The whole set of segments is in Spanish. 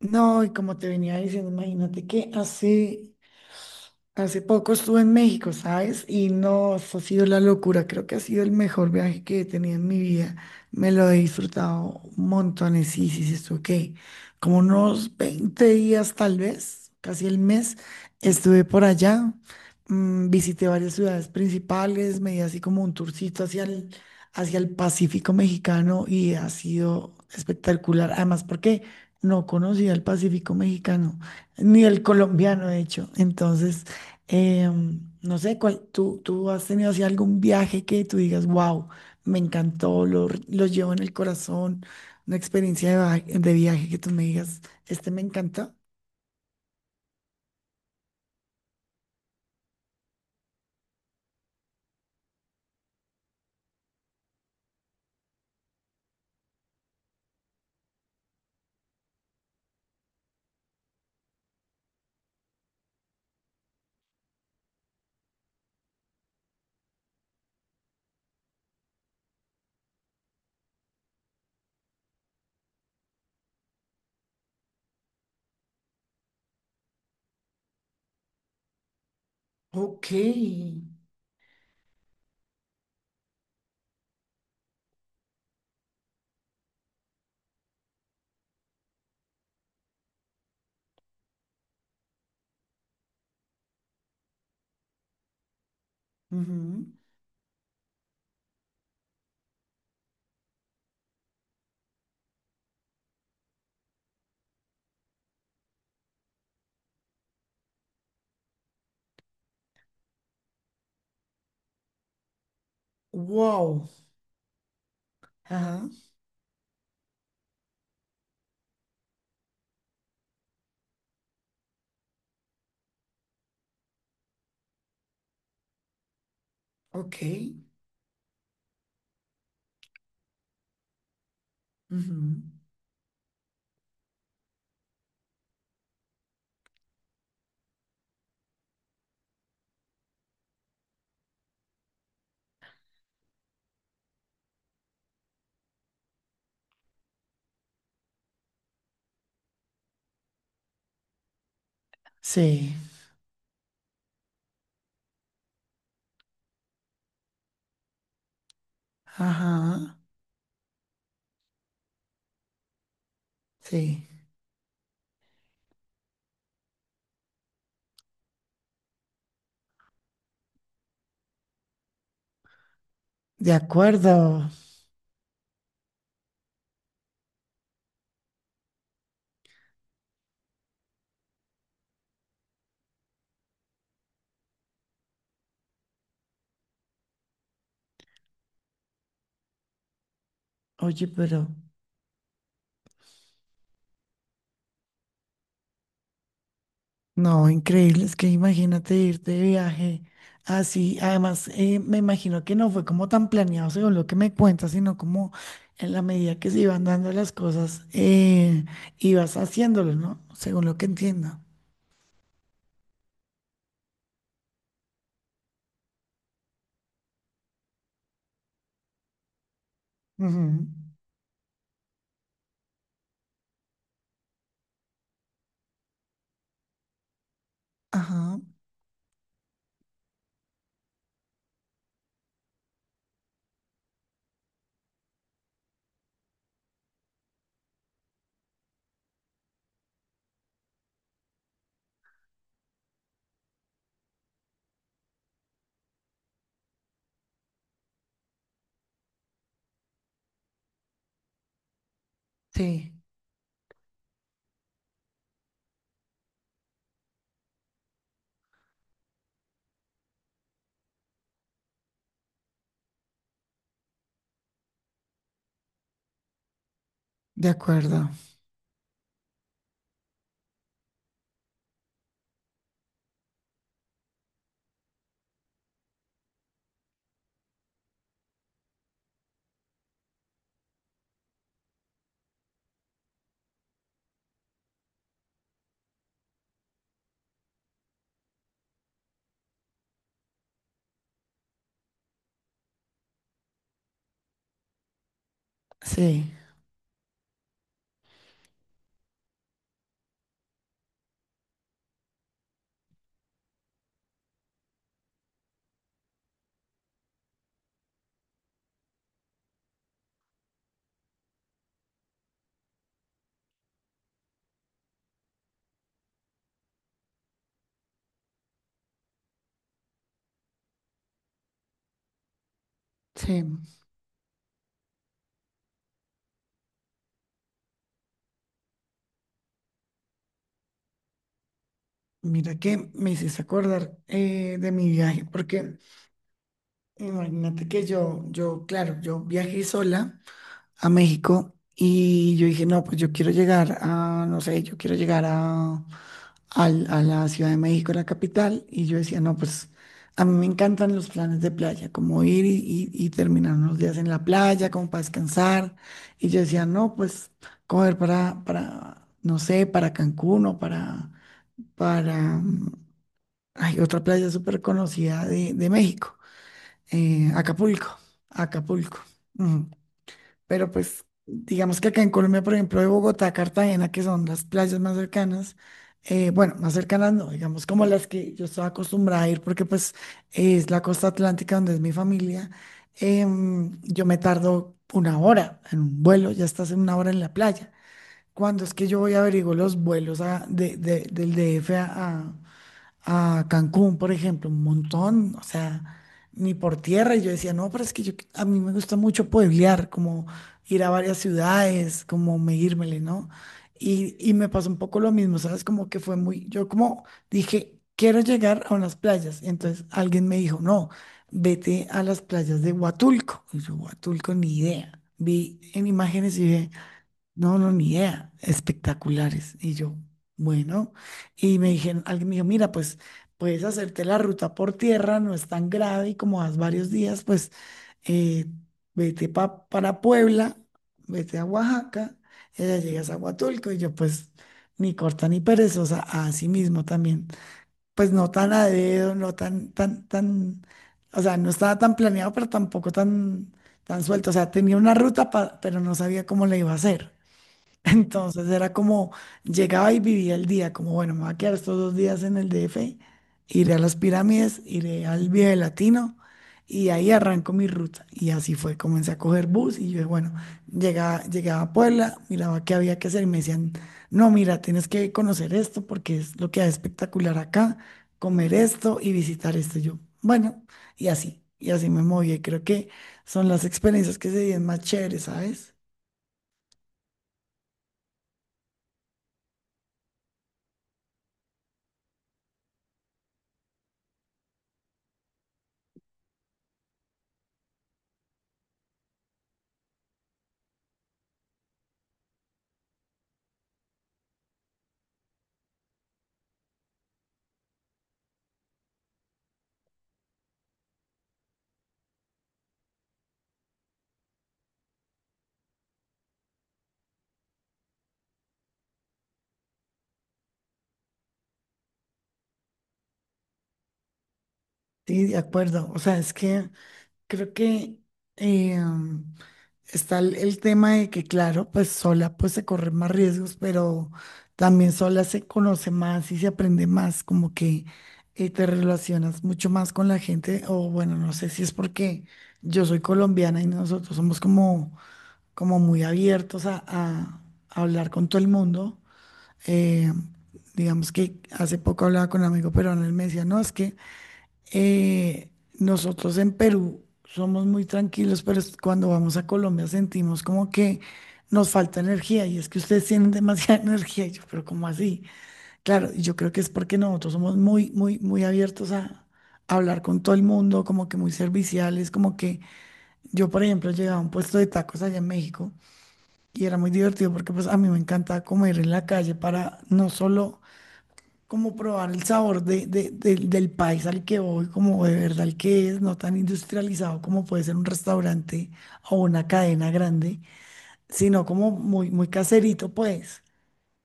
No, y como te venía diciendo, imagínate que hace poco estuve en México, ¿sabes? Y no, eso ha sido la locura. Creo que ha sido el mejor viaje que he tenido en mi vida. Me lo he disfrutado montones. Sí, sí, sí, estuve, ¿qué? Como unos 20 días, tal vez, casi el mes, estuve por allá. Visité varias ciudades principales, me di así como un tourcito hacia el Pacífico mexicano y ha sido espectacular. Además, porque no conocía el Pacífico mexicano, ni el colombiano, de hecho. Entonces, eh, no sé, cuál, tú has tenido así algún viaje que tú digas, wow, me encantó, lo llevo en el corazón, una experiencia de viaje que tú me digas, este me encanta. Ok. Ujú. Wow. Ajá. Ok. Ujú. Sí, ajá, sí, de acuerdo. Oye, pero no, increíble, es que imagínate irte de viaje así. Además, me imagino que no fue como tan planeado según lo que me cuentas, sino como en la medida que se iban dando las cosas, ibas haciéndolo, ¿no? Según lo que entiendo. Ujú. Ajá, sí, de acuerdo. Sí, sí. Mira que me hiciste acordar de mi viaje, porque imagínate que claro, yo viajé sola a México. Y yo dije, no, pues yo quiero llegar a, no sé, yo quiero llegar a, a la Ciudad de México, la capital. Y yo decía, no, pues a mí me encantan los planes de playa, como ir y terminar unos días en la playa, como para descansar. Y yo decía, no, pues coger no sé, para Cancún o para, hay otra playa súper conocida de México, Acapulco, Acapulco. Pero pues digamos que acá en Colombia, por ejemplo, de Bogotá a Cartagena, que son las playas más cercanas, bueno, más cercanas no, digamos como las que yo estaba acostumbrada a ir, porque pues es la costa atlántica donde es mi familia. Yo me tardo 1 hora en un vuelo, ya estás en 1 hora en la playa. Cuando es que yo voy a averiguo los vuelos del DF a Cancún, por ejemplo, un montón, o sea, ni por tierra. Y yo decía, no, pero es que yo, a mí me gusta mucho pueblear, como ir a varias ciudades, como medírmele, ¿no? Y me pasó un poco lo mismo, ¿sabes? Como que fue muy, yo como dije, quiero llegar a unas playas. Y entonces alguien me dijo, no, vete a las playas de Huatulco. Y yo, Huatulco, ni idea. Vi en imágenes y dije, no, no, ni idea. Espectaculares. Y yo, bueno. Y me dijeron, alguien me dijo, mira, pues puedes hacerte la ruta por tierra, no es tan grave y como vas varios días, pues eh, para Puebla, vete a Oaxaca, y allá llegas a Huatulco. Y yo, pues, ni corta ni perezosa, así mismo también. Pues no tan a dedo, no o sea, no estaba tan planeado, pero tampoco tan suelto. O sea, tenía una ruta, pero no sabía cómo la iba a hacer. Entonces era como, llegaba y vivía el día, como, bueno, me voy a quedar estos 2 días en el DF, iré a las pirámides, iré al Viaje Latino y ahí arranco mi ruta. Y así fue, comencé a coger bus y yo, bueno, llegaba a Puebla, miraba qué había que hacer y me decían, no, mira, tienes que conocer esto porque es lo que hay espectacular acá, comer esto y visitar esto. Y yo, bueno, y así me moví. Y creo que son las experiencias que se viven más chéveres, ¿sabes? Sí, de acuerdo. O sea, es que... Creo que eh, mm, está el tema de que, claro, pues sola pues se corren más riesgos, pero también sola se conoce más y se aprende más, como que te relacionas mucho más con la gente, o bueno, no sé si es porque yo soy colombiana y nosotros somos como, como muy abiertos a hablar con todo el mundo. Eh, digamos que hace poco hablaba con un amigo peruano, él me decía, no, es que... Eh, Nosotros en Perú somos muy tranquilos, pero cuando vamos a Colombia sentimos como que nos falta energía y es que ustedes tienen demasiada energía. Y yo, pero ¿cómo así? Claro, y yo creo que es porque nosotros somos muy, muy, muy abiertos a hablar con todo el mundo, como que muy serviciales, como que yo, por ejemplo, llegaba a un puesto de tacos allá en México y era muy divertido porque pues a mí me encanta comer en la calle para no solo como probar el sabor del del país al que voy, como de verdad el que es, no tan industrializado como puede ser un restaurante o una cadena grande, sino como muy, muy caserito, pues,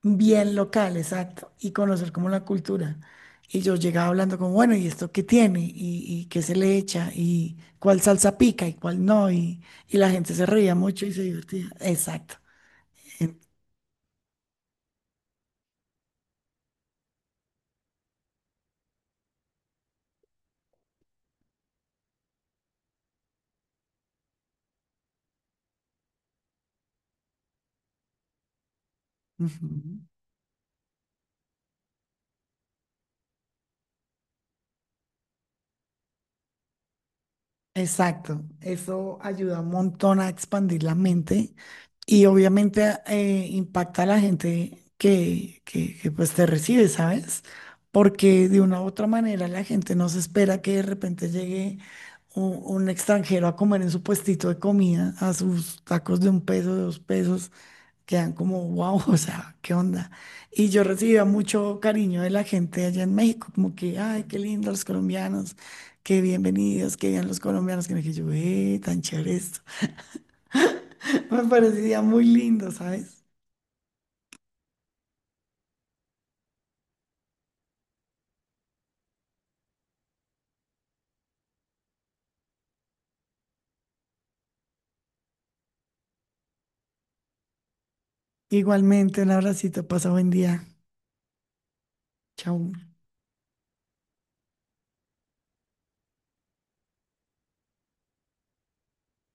bien local, exacto, y conocer como la cultura. Y yo llegaba hablando como, bueno, ¿y esto qué tiene? Y qué se le echa? ¿Y cuál salsa pica y cuál no? Y la gente se reía mucho y se divertía. Exacto. En- Ujú. Exacto, eso ayuda un montón a expandir la mente y obviamente impacta a la gente que, pues te recibe, ¿sabes? Porque de una u otra manera la gente no se espera que de repente llegue un extranjero a comer en su puestito de comida, a sus tacos de un peso, de dos pesos, quedan como, wow, o sea, ¿qué onda? Y yo recibía mucho cariño de la gente allá en México, como que, ay, qué lindo los colombianos, qué bienvenidos, qué bien los colombianos, que me dije yo, tan chévere esto. Me parecía muy lindo, ¿sabes? Igualmente, un abracito, pasa buen día. Chao.